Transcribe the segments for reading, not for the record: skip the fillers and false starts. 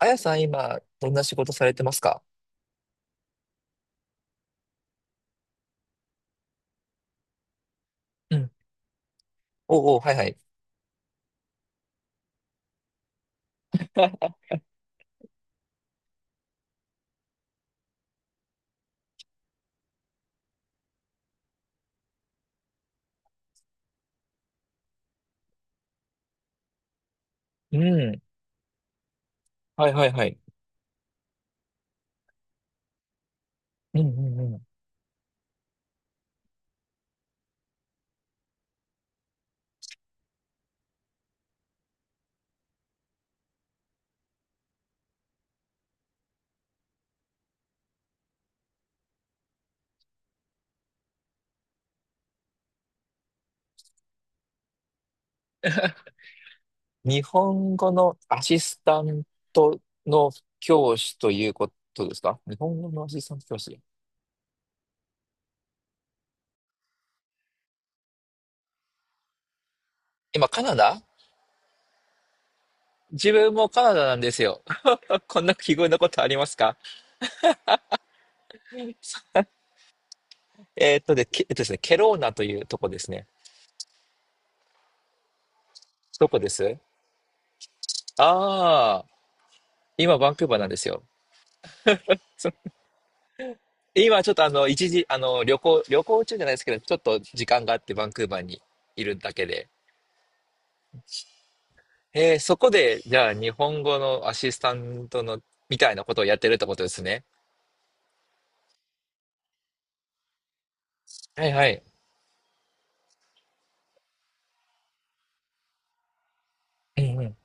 あやさん、今、どんな仕事されてますか？うん。おうおう、はいはい。うん。はいはいはい。うんうんうん。日本語のアシスタントの教師ということですか？日本語のアシスタント教師。今、カナダ、自分もカナダなんですよ。こんな奇遇なことありますか？えーっとで、けえっとですね、ケローナというとこですね。どこです？ああー、今、バンクーバーなんですよ。今ちょっと一時、旅行中じゃないですけど、ちょっと時間があってバンクーバーにいるだけで。えー、そこで、じゃあ日本語のアシスタントのみたいなことをやってるってことですね。はいはい。うんうん。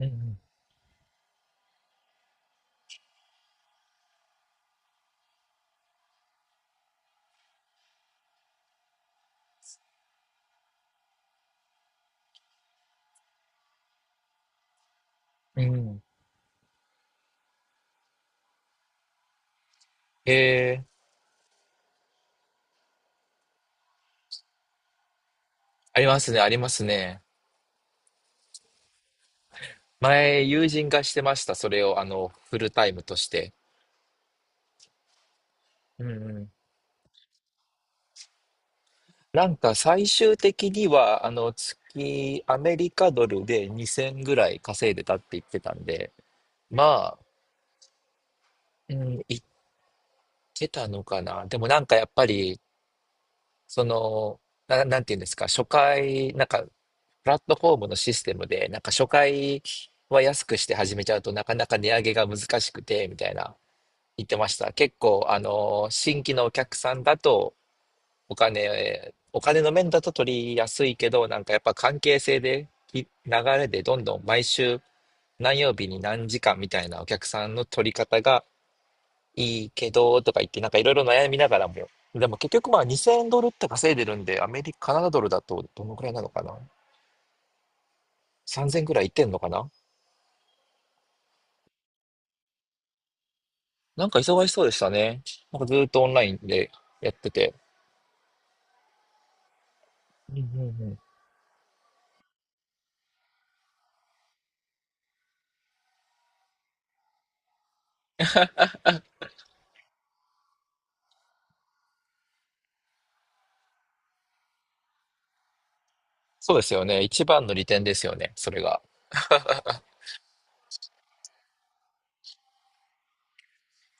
うんうん。うん、えー、ありますね、ありますね。前、友人がしてました。それを、あの、フルタイムとして。うんうん。なんか最終的には、あの、月、アメリカドルで2000ぐらい稼いでたって言ってたんで、まあ、うん、出たのかな。でもなんかやっぱり、その、なんていうんですか、初回、なんか、プラットフォームのシステムで、なんか初回は安くして始めちゃうとなかなか値上げが難しくて、みたいな言ってました。結構、あの、新規のお客さんだと、お金の面だと取りやすいけど、なんかやっぱ関係性で、い流れでどんどん毎週何曜日に何時間みたいなお客さんの取り方がいいけど、とか言って、なんかいろいろ悩みながらも。でも結局まあ2000ドルって稼いでるんで、アメリカ、カナダドルだとどのくらいなのかな？ 3000 くらいいってんのかな。なんか忙しそうでしたね。なんかずーっとオンラインでやってて。うんうんうん、そうですよね。一番の利点ですよね。それが。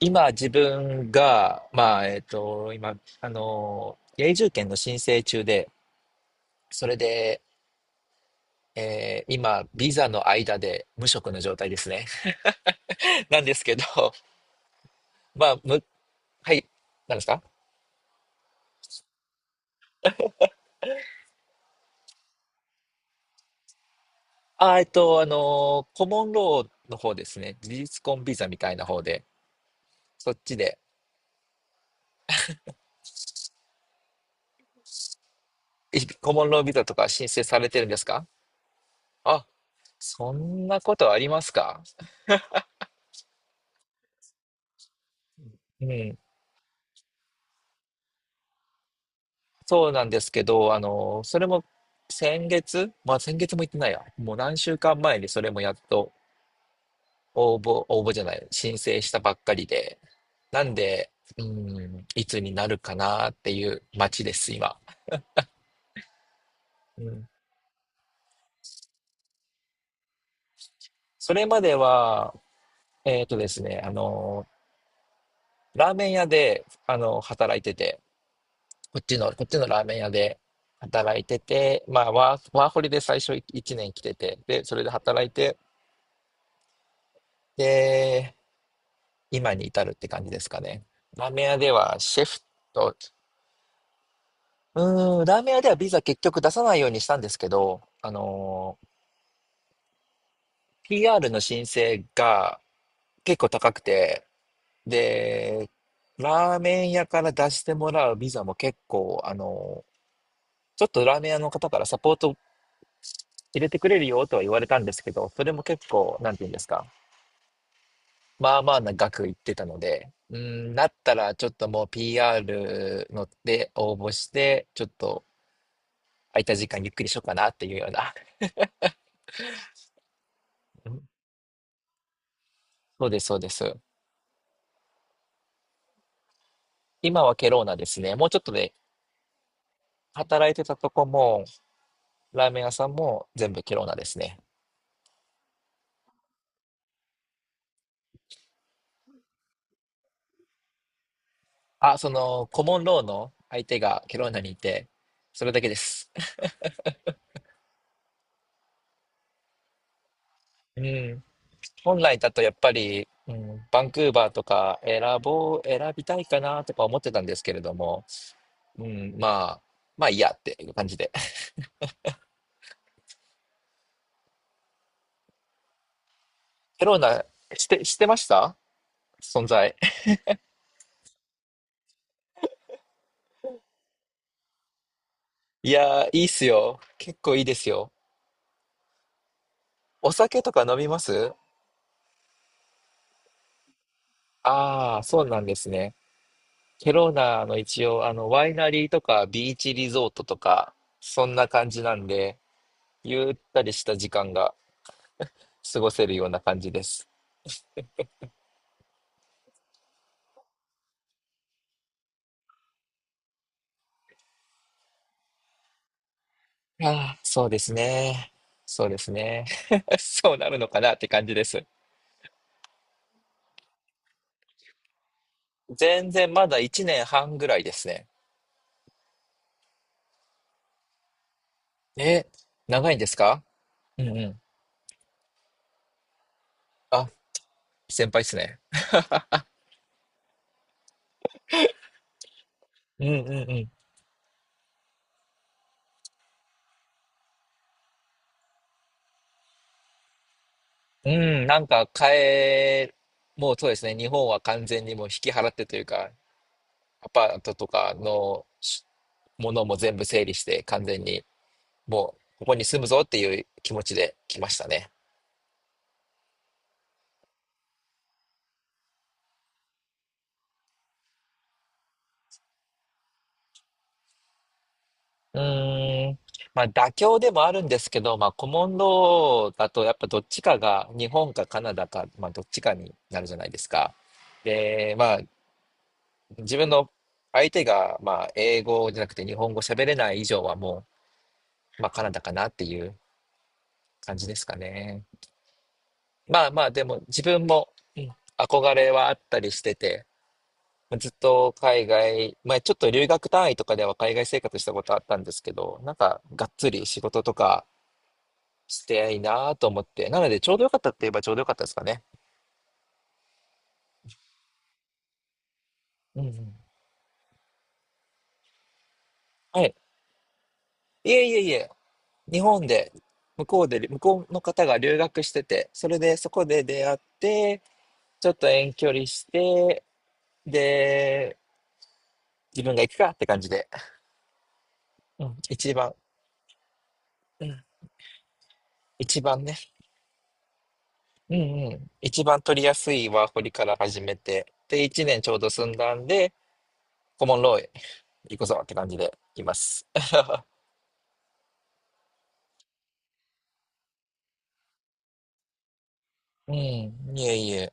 今自分が、まあ、今、あの、永住権の申請中で、それで、えー今、ビザの間で無職の状態ですね。なんですけど、まあ、む、はい。何ですか？あー、えっと、あのーコモンローの方ですね。事実婚ビザみたいな方で、そっちで、えコモンロービザとか申請されてるんですか？あ、そんなことありますか？うん。そうなんですけど、あのーそれも先月、まあ先月も行ってないや。もう何週間前にそれもやっと応募じゃない、申請したばっかりで。なんで、うん、いつになるかなっていう待ちです、今。うん。それまでは、えっとですね、あのー、ラーメン屋で、あのー、働いてて、こっちの、こっちのラーメン屋で働いてて、まあ、ワーホリで最初1年来てて、で、それで働いて、で、今に至るって感じですかね。ラーメン屋ではシェフと、うーん、ラーメン屋ではビザ結局出さないようにしたんですけど、あのー、PR の申請が結構高くて、で、ラーメン屋から出してもらうビザも結構、あの、ちょっとラーメン屋の方からサポート入れてくれるよとは言われたんですけど、それも結構、なんていうんですか、まあまあな額言ってたので、うん、だったらちょっともう PR ので応募して、ちょっと空いた時間ゆっくりしようかなっていうような。うん、そうです、そうです。今はケローナですね。もうちょっとで、働いてたとこも、ラーメン屋さんも全部ケローナですね。あ、その、コモンローの相手がケローナにいて、それだけです。うん。本来だとやっぱり、うん、バンクーバーとか選ぼう、選びたいかなとか思ってたんですけれども、うん、まあ、まあいいやっていう感じで。フェローナ、してました存在。いやー、いいっすよ。結構いいですよ。お酒とか飲みます？ああー、そうなんですね。ケローナの一応、あの、ワイナリーとかビーチリゾートとか、そんな感じなんで、ゆったりした時間が過ごせるような感じです。ああ、そうですね。そうですね。そうなるのかなって感じです。全然まだ1年半ぐらいですね。え、長いんですか？うんうん。あ、先輩ですね。うんうんうん。うん、なんか変え、もうそうですね。日本は完全にもう引き払ってというか、アパートとかのしものも全部整理して完全にもうここに住むぞっていう気持ちで来ましたね。うーん、まあ妥協でもあるんですけど、まあコモンローだとやっぱどっちかが日本かカナダか、まあどっちかになるじゃないですか。で、まあ自分の相手がまあ英語じゃなくて日本語喋れない以上はもう、まあカナダかなっていう感じですかね。まあまあでも自分もうん、憧れはあったりしてて、ずっと海外、まあちょっと留学単位とかでは海外生活したことあったんですけど、なんかがっつり仕事とかしていいなぁと思って。なので、ちょうどよかったって言えばちょうどよかったですかね。うんうん。はい。いえいえいえ、日本で、向こうで、向こうの方が留学してて、それでそこで出会って、ちょっと遠距離して、で、自分が行くかって感じで。うん、一番、うん、一番ね。うんうん。一番取りやすいワーホリから始めて、で、一年ちょうど住んだんで、コモンローへ行くぞって感じでいます。うん、いえいえ。